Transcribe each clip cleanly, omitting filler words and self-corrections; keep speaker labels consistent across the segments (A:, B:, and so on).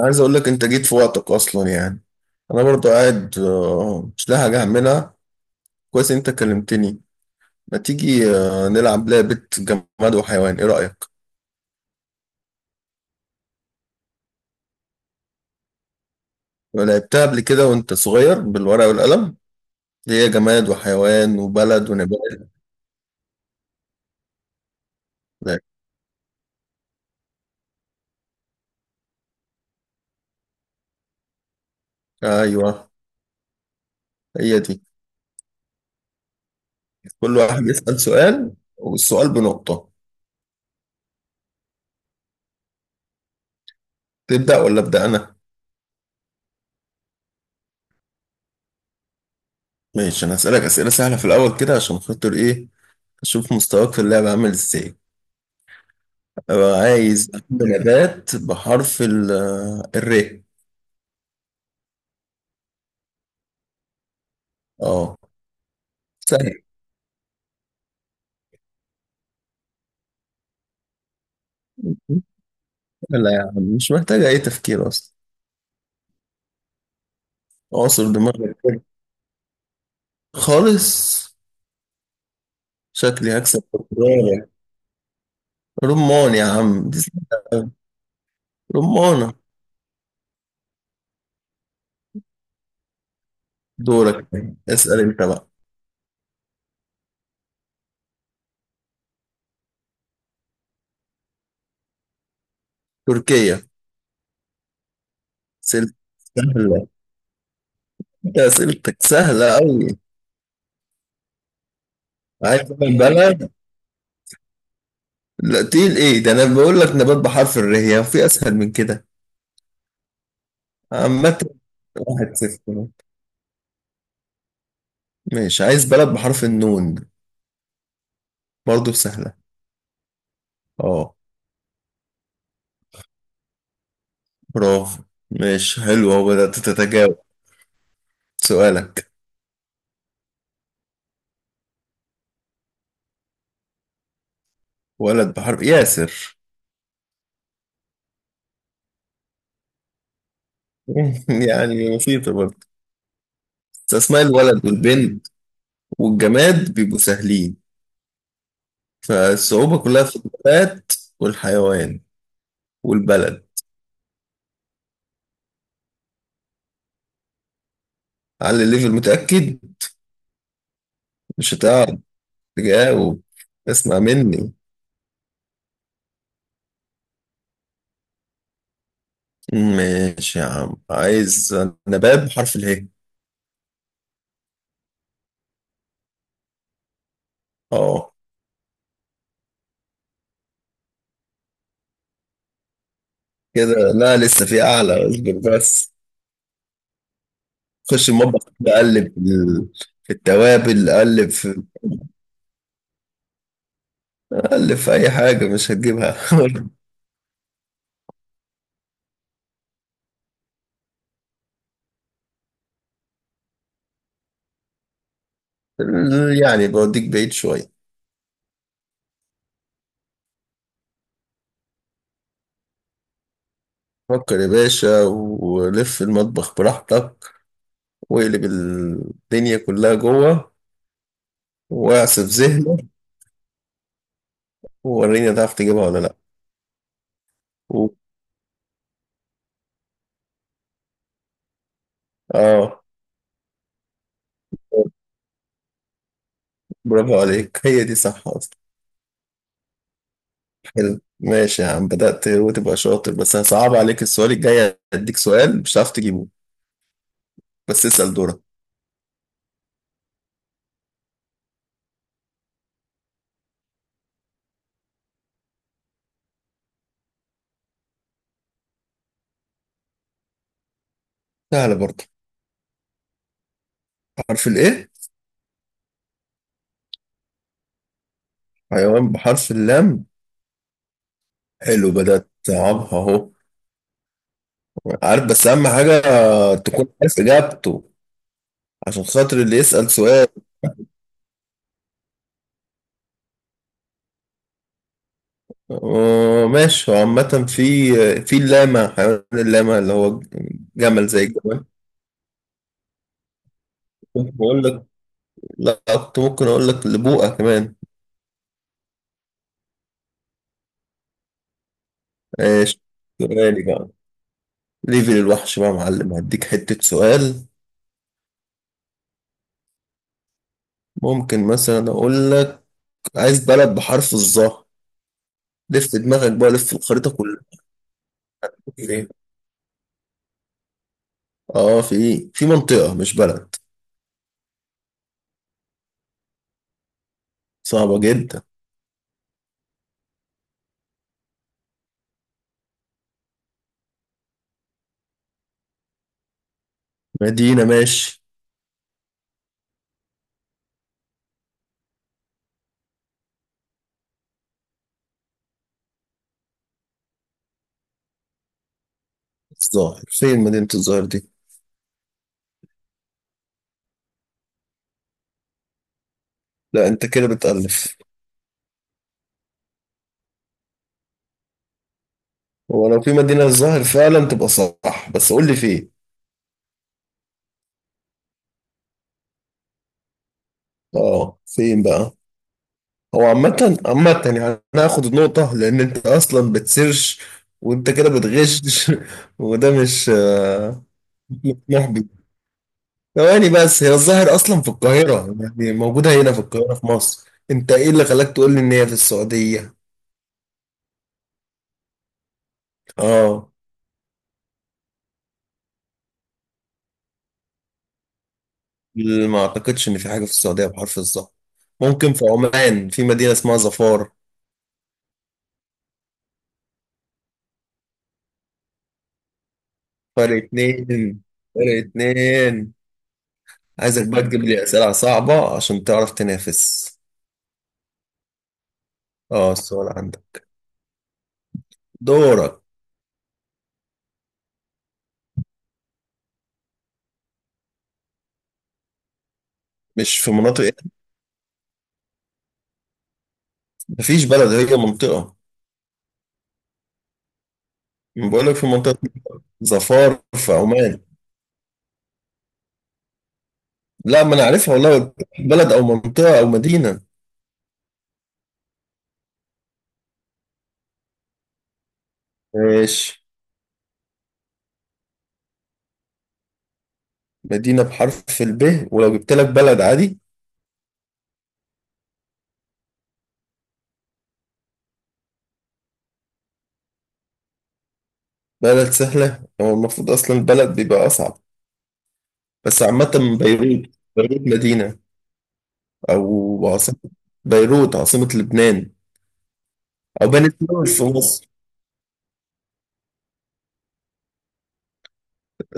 A: عايز اقول لك انت جيت في وقتك اصلا يعني. انا برضو قاعد، مش لاقي حاجه اعملها. كويس إن انت كلمتني. ما تيجي نلعب لعبه جماد وحيوان، ايه رايك؟ لعبتها قبل كده وانت صغير بالورقه والقلم، اللي هي جماد وحيوان وبلد ونبات. لا. ايوه، هي دي. كل واحد يسال سؤال والسؤال بنقطه. تبدا ولا ابدا انا؟ ماشي. انا هسالك اسئله سهله في الاول كده عشان خاطر ايه؟ اشوف مستواك في اللعبه عامل ازاي. أبقى عايز أكل نبات بحرف ال آه، الر. اه، سهل. لا يا عم، مش محتاجة أي تفكير أصلا. أعصر دماغك كده، خالص. شكلي هكسب بكرة. رمان يا عم، دي سهلة أوي. رمانة. دورك، اسأل أنت بقى. تركيا. سهلة، سهلة. أنت أسئلتك سهلة أوي. عايز تعمل بلد؟ لا تقيل إيه ده؟ أنا بقول لك نبات بحرف الر، هي في أسهل من كده؟ عامة. 1-0. ماشي، عايز بلد بحرف النون. برضه سهلة. اه، برافو. ماشي حلو، اهو بدأت تتجاوب. سؤالك. ولد بحرف ياسر. يعني بسيطة برضه. بس أسماء الولد والبنت والجماد بيبقوا سهلين. فالصعوبة كلها في النبات والحيوان والبلد. على الليفل متأكد؟ مش هتعرف تجاوب. اسمع مني. ماشي يا عم، عايز نبات بحرف اله. اه. كده؟ لا، لسه في أعلى، اصبر بس. خش المطبخ كده، قلب في في التوابل، قلب في اي حاجه مش هتجيبها. يعني بوديك بعيد شويه. فكر يا باشا، ولف المطبخ براحتك، واقلب الدنيا كلها جوه، واعصف ذهنك، ووريني هتعرف تجيبها ولا لا. و... اه، برافو عليك. هي دي صح اصلا. حلو ماشي يا عم، بدأت وتبقى شاطر. بس هصعب عليك السؤال الجاي، هديك سؤال مش هتعرف تجيبه. بس اسأل دورك. سهلة برضه. عارف الايه؟ حيوان بحرف اللام. حلو، بدأت أصعبها أهو. عارف، بس أهم حاجة تكون عارف إجابته عشان خاطر اللي يسأل سؤال. ماشي، هو عامة، في اللاما، حيوان اللاما اللي هو جمل، زي الجمل. ممكن أقول لك، لا، كنت ممكن أقول لك لبوقة كمان. ماشي. سؤالي بقى. ليفل الوحش بقى يا معلم، هديك حتة سؤال. ممكن مثلا أقول لك عايز بلد بحرف الظا. لف دماغك بقى، لف الخريطة كلها. اه، في منطقة مش بلد. صعبة جدا. مدينة، ماشي. الظاهر؟ فين مدينة الظاهر دي؟ لا انت كده بتألف. هو لو في مدينة الظاهر فعلا تبقى صح، بس قول لي فين. اه، فين بقى؟ هو عامة، عامة يعني. انا هاخد النقطة، لان انت اصلا بتسيرش، وانت كده بتغش. وده مش مش محبي. ثواني بس، هي الظاهر اصلا في القاهرة، يعني موجودة هنا في القاهرة في مصر، انت ايه اللي خلاك تقول لي ان هي في السعودية؟ اه، ما اعتقدش ان في حاجه في السعوديه بحرف الظهر. ممكن في عمان في مدينه اسمها ظفار. فرق اتنين، فرق اتنين. عايزك بقى تجيب لي اسئله صعبه عشان تعرف تنافس. اه، السؤال عندك، دورك. مش في مناطق إيه؟ مفيش بلد، هي منطقه. أنا بقول لك في منطقه ظفار في عمان. لا، ما انا عارفها والله، قلت لك بلد او منطقه او مدينه. ماشي. مدينه بحرف الب، ولو جبت لك بلد عادي. بلد سهله، هو المفروض اصلا البلد بيبقى اصعب. بس عامة، بيروت. بيروت مدينة أو عاصمة. بيروت عاصمة لبنان. أو بني سويف في مصر.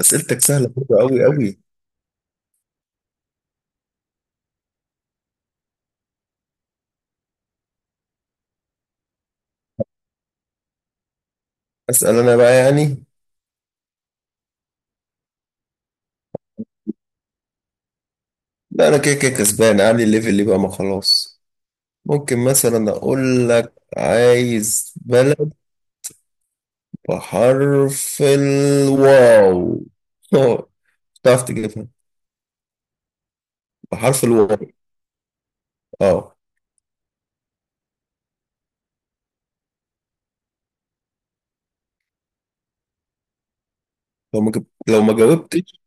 A: أسئلتك سهلة برضه أوي أوي. أسأل أنا بقى يعني. لا، أنا كده كده كسبان، عامل الليفل اللي بقى ما خلاص. ممكن مثلا أقول لك عايز بلد بحرف الواو. أه. تعرف تجيبها؟ بحرف الواو. أه، لو ما جاوبتش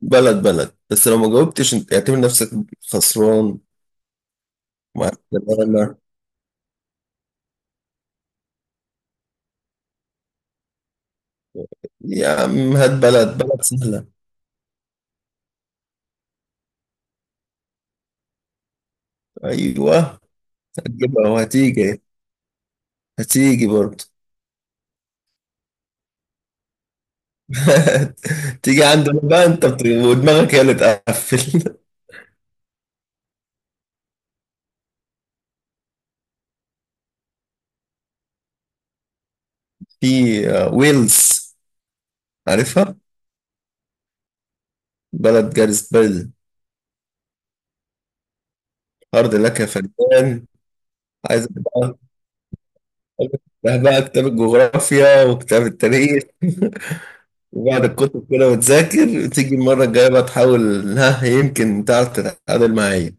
A: بلد بلد، بس لو ما جاوبتش أنت اعتبر نفسك خسران. مع السلامة. يا عم هات بلد، بلد سهلة. أيوة. هتجيبها وهتيجي. هتيجي برضه. تيجي عندنا بقى. أنت ودماغك هي اللي تقفل. في ويلز. عارفها. بلد جارس بلد. أرض لك يا فنان. عايز بقى. ده بقى كتاب الجغرافيا وكتاب التاريخ. وبعد الكتب كده وتذاكر، تيجي المرة الجاية بقى تحاول، ها يمكن تعرف تتعادل معايا.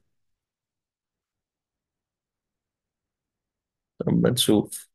A: أما نشوف.